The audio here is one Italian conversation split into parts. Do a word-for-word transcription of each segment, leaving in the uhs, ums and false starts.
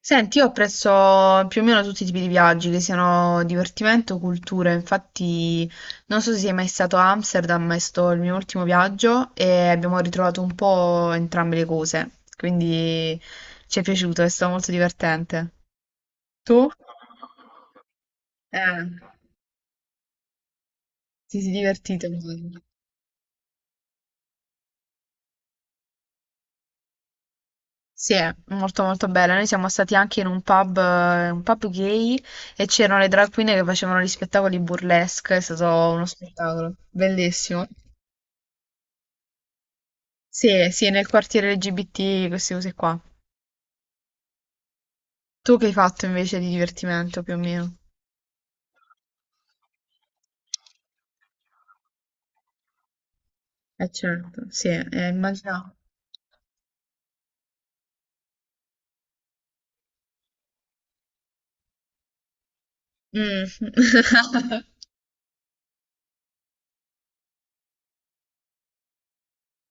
Senti, io apprezzo più o meno tutti i tipi di viaggi, che siano divertimento o cultura. Infatti, non so se sei mai stato a Amsterdam, ma è stato il mio ultimo viaggio e abbiamo ritrovato un po' entrambe le cose. Quindi ci è piaciuto, è stato molto divertente. Tu? Eh, Ti sei divertito. Sì, è molto molto bella. Noi siamo stati anche in un pub, eh, un pub gay, e c'erano le drag queen che facevano gli spettacoli burlesque, è stato uno spettacolo bellissimo. Sì, sì, nel quartiere L G B T, queste cose qua. Tu che hai fatto invece di divertimento più o meno? Eh certo, sì, eh, immaginavo. Mm.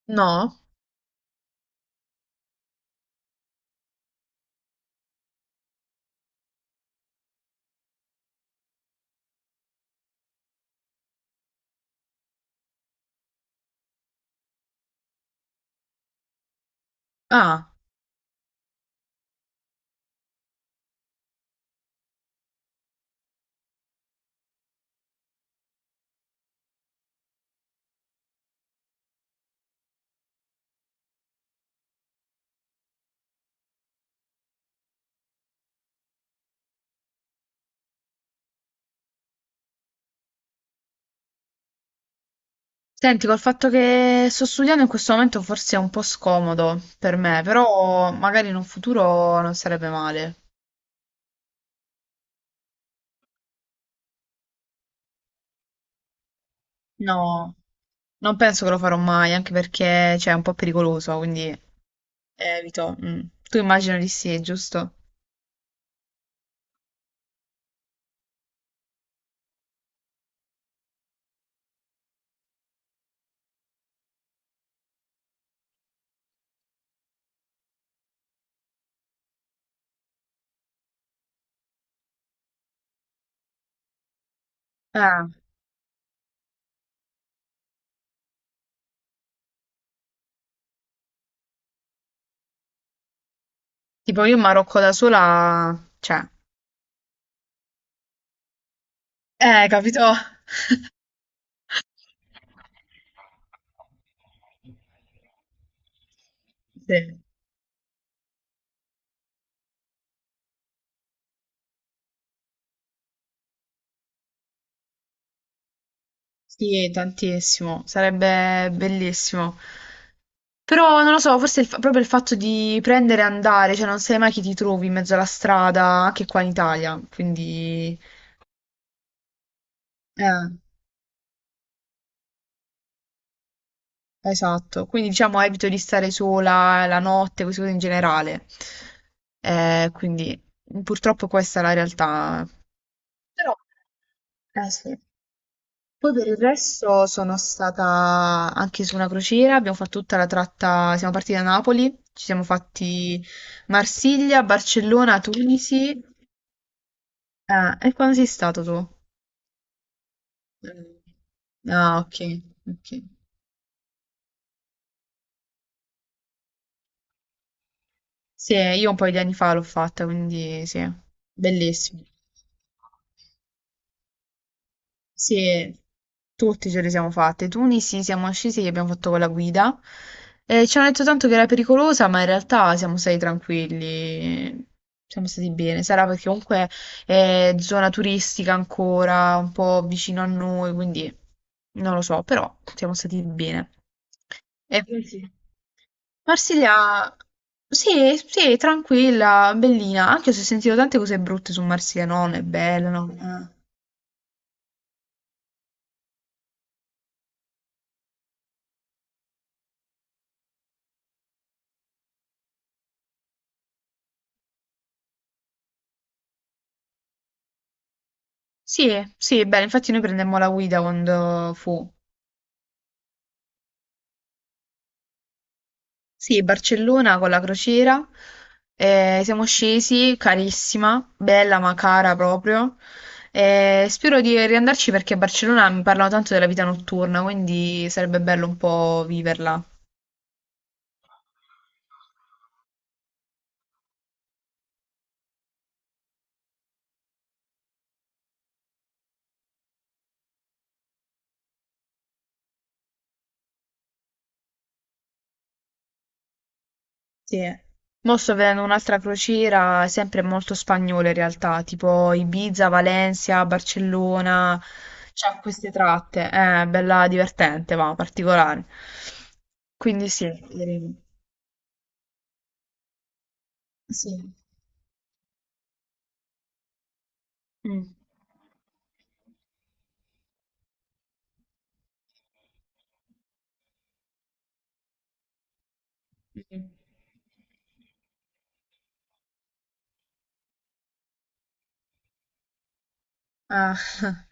No? Ah. Senti, col fatto che sto studiando in questo momento forse è un po' scomodo per me, però magari in un futuro non sarebbe male. No, non penso che lo farò mai, anche perché cioè, è un po' pericoloso, quindi evito. Mm. Tu immagino di sì, giusto? Eh, tipo io in Marocco da sola, cioè, eh, capito? Sì, sì, tantissimo, sarebbe bellissimo. Però non lo so, forse il fa- proprio il fatto di prendere e andare, cioè non sai mai chi ti trovi in mezzo alla strada, anche qua in Italia, quindi... Eh, esatto, quindi diciamo evito di stare sola la notte, queste cose in generale. Eh, quindi purtroppo questa è la realtà. Però, eh sì. Poi per il resto sono stata anche su una crociera, abbiamo fatto tutta la tratta, siamo partiti da Napoli, ci siamo fatti Marsiglia, Barcellona, Tunisi. Ah, e quando sei stato tu? Mm. Ah, ok, ok. Sì, io un paio di anni fa l'ho fatta, quindi sì, bellissimo. Sì, tutti ce le siamo fatte. Tunisi siamo scesi e abbiamo fatto con la guida. Eh, ci hanno detto tanto che era pericolosa, ma in realtà siamo stati tranquilli. Siamo stati bene. Sarà perché comunque è zona turistica ancora, un po' vicino a noi, quindi non lo so, però siamo stati bene. E così. Marsiglia, sì, sì, tranquilla, bellina, anche se ho sentito tante cose brutte su Marsiglia, no, non è bella, no. Ah, sì, sì, è bella, infatti noi prendemmo la guida quando fu. Sì, Barcellona con la crociera, eh, siamo scesi, carissima, bella ma cara proprio. Eh, spero di riandarci perché a Barcellona mi parlano tanto della vita notturna, quindi sarebbe bello un po' viverla. Sì. Mo sto vedendo un'altra crociera, sempre molto spagnola in realtà, tipo Ibiza, Valencia, Barcellona, c'ha queste tratte, è bella divertente, ma particolare. Quindi sì, vedremo. Sì. Mm. Mm. Ah,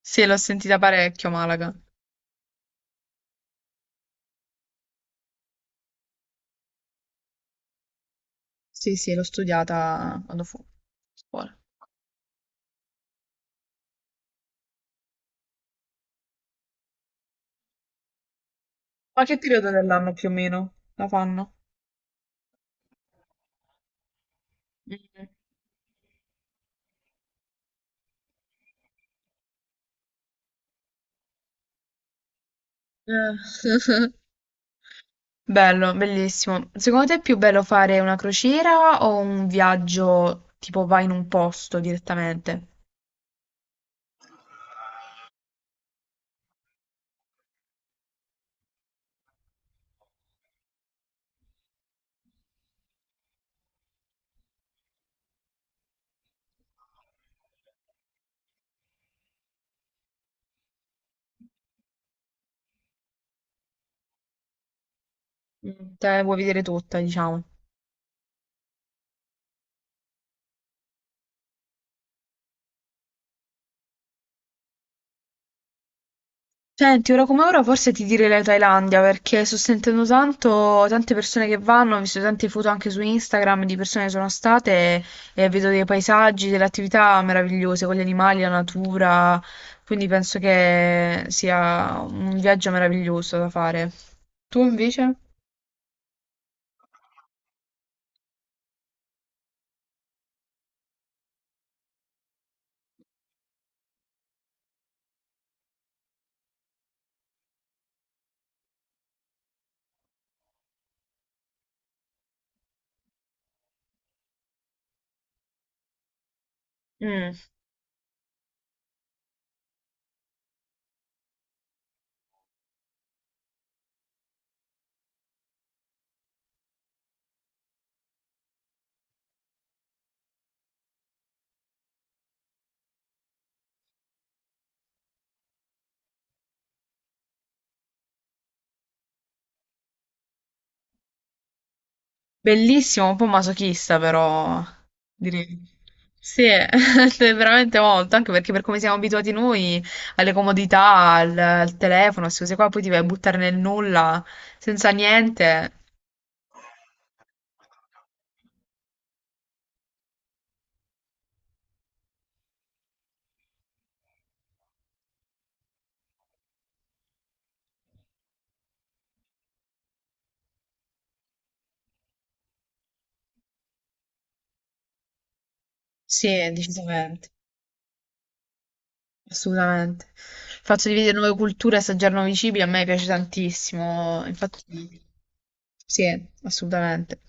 sì, l'ho sentita parecchio Malaga. Sì, sì, l'ho studiata quando fu a scuola. Ma che periodo dell'anno più o meno la fanno? Mm. Eh. Bello, bellissimo. Secondo te è più bello fare una crociera o un viaggio tipo vai in un posto direttamente? Mm, te la vuoi vedere tutta, diciamo. Senti, ora come ora forse ti direi la Thailandia perché sto sentendo tanto, tante persone che vanno, ho visto tante foto anche su Instagram di persone che sono state e vedo dei paesaggi, delle attività meravigliose con gli animali, la natura, quindi penso che sia un viaggio meraviglioso da fare. Tu invece? Mm. Bellissimo, un po' masochista però, direi. Sì, è veramente molto, anche perché per come siamo abituati noi alle comodità, al, al telefono, queste cose qua, poi ti vai a buttare nel nulla, senza niente. Sì, decisamente, assolutamente. Il fatto di vedere nuove culture, assaggiare nuovi cibi, a me piace tantissimo, infatti sì, assolutamente.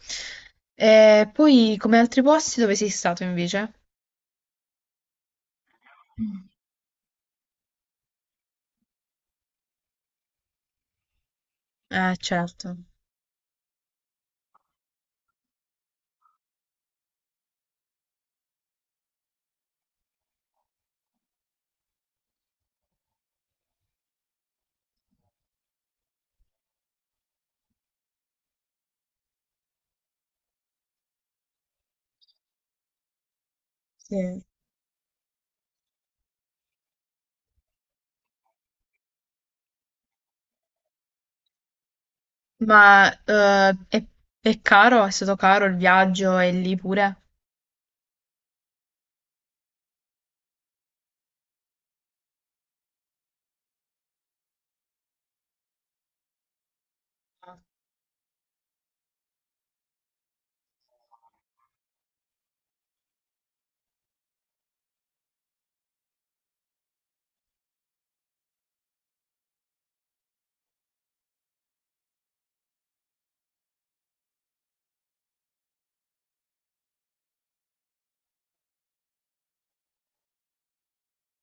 E poi come altri posti dove sei stato invece? Mm. Eh, certo. Sì. Ma eh, è, è caro? È stato caro il viaggio e lì pure?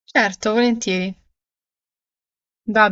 Certo, volentieri. Va